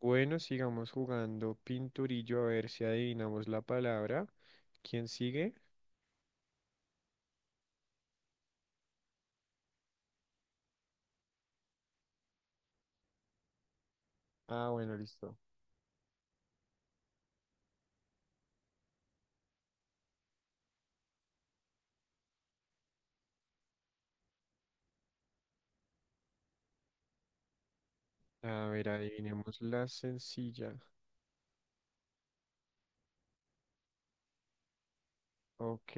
Bueno, sigamos jugando pinturillo a ver si adivinamos la palabra. ¿Quién sigue? Ah, bueno, listo. A ver, adivinemos la sencilla. Ok,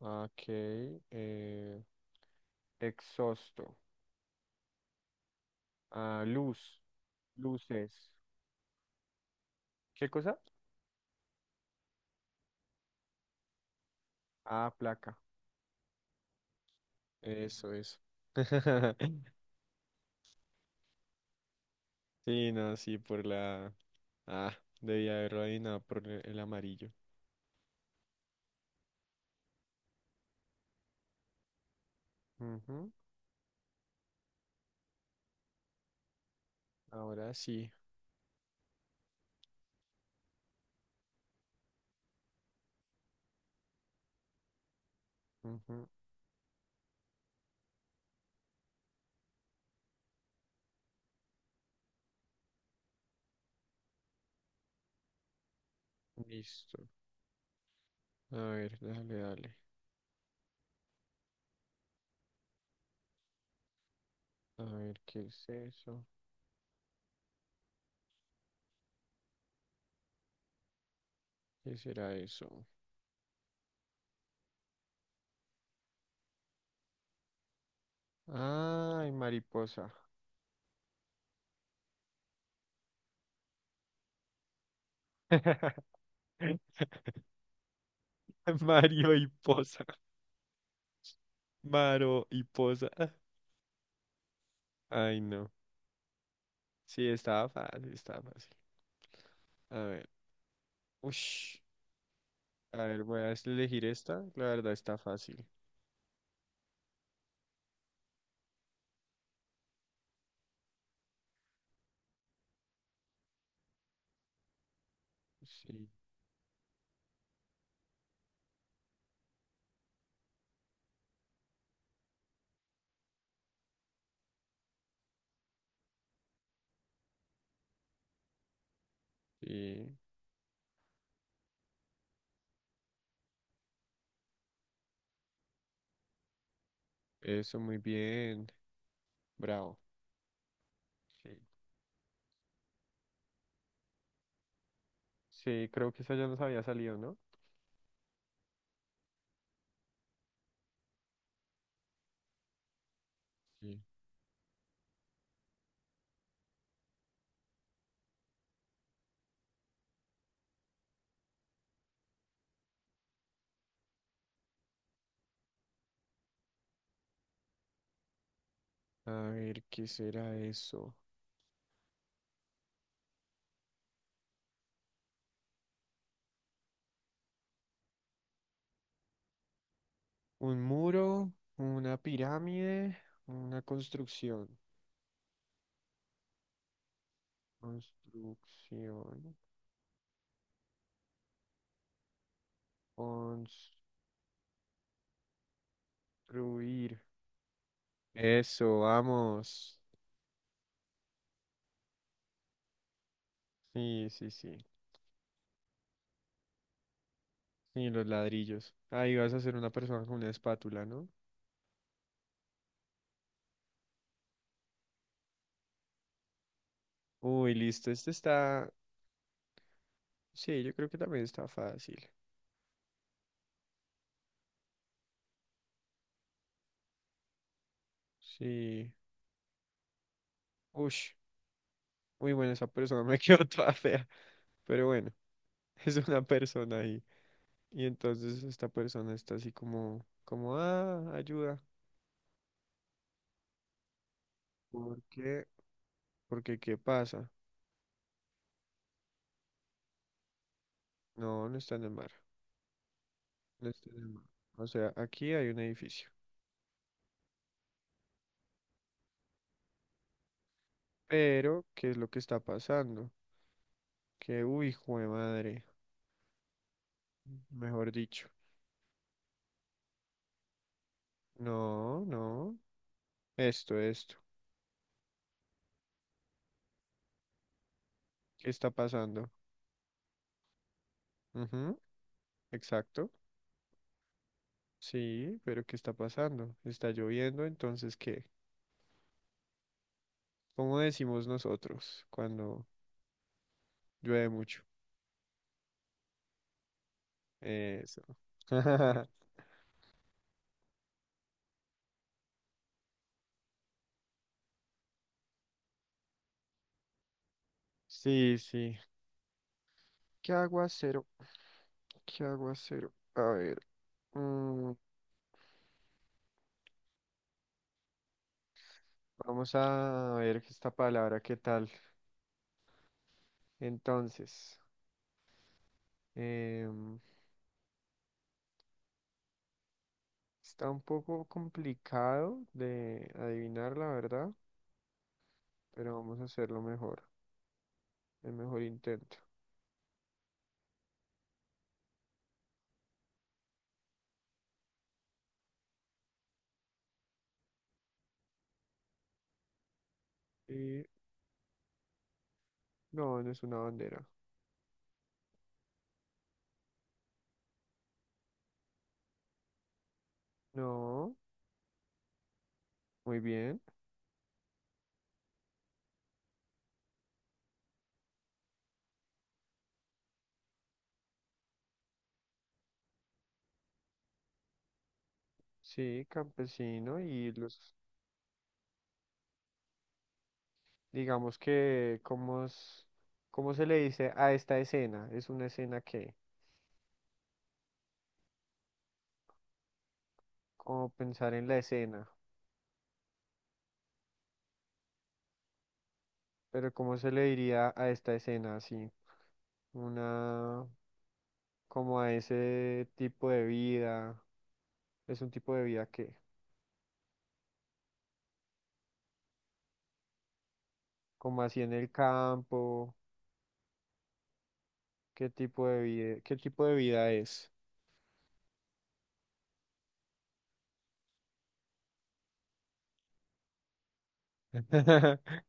ok. eh, Exhausto. Ah, luz, luces. ¿Qué cosa? Ah, placa. Eso, eso. Sí, no, sí, por la... Ah, debía haberlo adivinado por el amarillo. Ujú. Ahora sí. Ujú. Listo. A ver, dale, dale. A ver, ¿qué es eso? ¿Qué será eso? Ay, mariposa. Mario y posa. Maro y posa. Ay, no. Sí, estaba fácil, estaba fácil. A ver. Ush. A ver, voy a elegir esta. La verdad está fácil. Sí, sí. Eso, muy bien. Bravo. Sí. Sí, creo que esa ya nos había salido, ¿no? Sí. A ver, ¿qué será eso? Un muro, una pirámide, una construcción. Construcción. Construir. Eso, vamos. Sí, sí, sí. Sí, los ladrillos. Ahí vas a hacer una persona con una espátula, ¿no? Uy, listo. Este está. Sí, yo creo que también está fácil. Sí. Ush. Uy, bueno, esa persona me quedó toda fea. Pero bueno, es una persona ahí. Y entonces esta persona está así como, como, ah, ayuda. ¿Por qué? Porque ¿qué pasa? No, no está en el mar. No está en el mar. O sea, aquí hay un edificio. Pero, ¿qué es lo que está pasando? Que, uy, hijo de madre. Mejor dicho. No, no. Esto, esto. ¿Qué está pasando? Ujú, exacto. Sí, pero ¿qué está pasando? Está lloviendo, entonces, ¿qué? ¿Cómo decimos nosotros cuando llueve mucho? Eso. Sí, sí. ¿Qué aguacero? ¿Qué aguacero? A ver. Mm, vamos a ver esta palabra, ¿qué tal? Entonces, em, está un poco complicado de adivinar, la verdad, pero vamos a hacerlo mejor, el mejor intento. Y no, no es una bandera. No, muy bien. Sí, campesino y los, digamos que, ¿cómo se le dice a esta escena? Es una escena que, como pensar en la escena, pero ¿cómo se le diría a esta escena así? Una como a ese tipo de vida, es un tipo de vida que, como así en el campo, qué tipo de vida, qué tipo de vida es.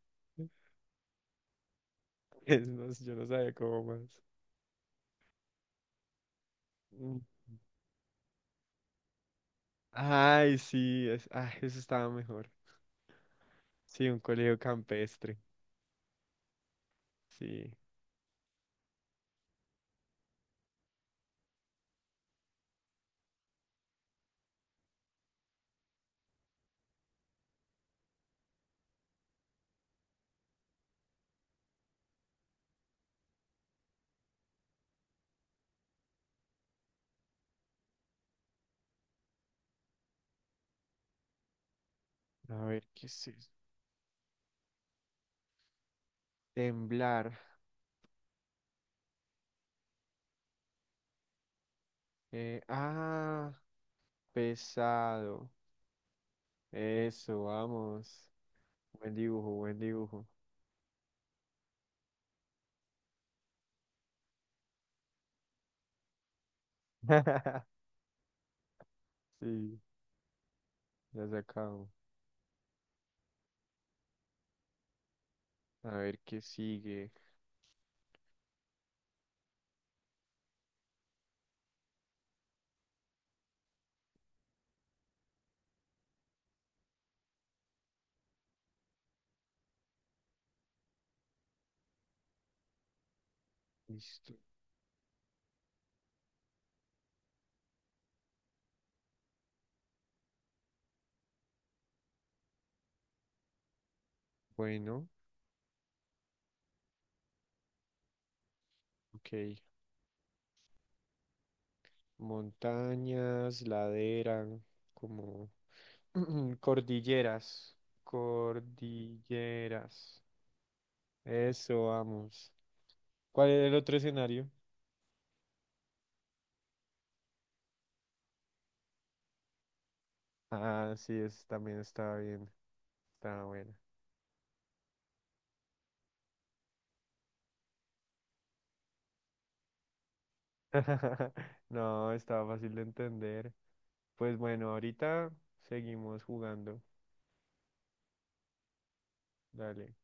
Es, no sé, yo no sabía cómo más. Mm. Ay, sí, es, ay eso estaba mejor. Sí, un colegio campestre. Sí. A ver, ¿qué es eso? Temblar. Ah, pesado. Eso, vamos. Buen dibujo, buen dibujo. Sí. Ya se acabó. A ver qué sigue. Listo. Bueno, ok. Montañas, ladera, como cordilleras. Cordilleras. Eso, vamos. ¿Cuál era el otro escenario? Ah, sí, es, también estaba bien. Estaba buena. No, estaba fácil de entender. Pues bueno, ahorita seguimos jugando. Dale.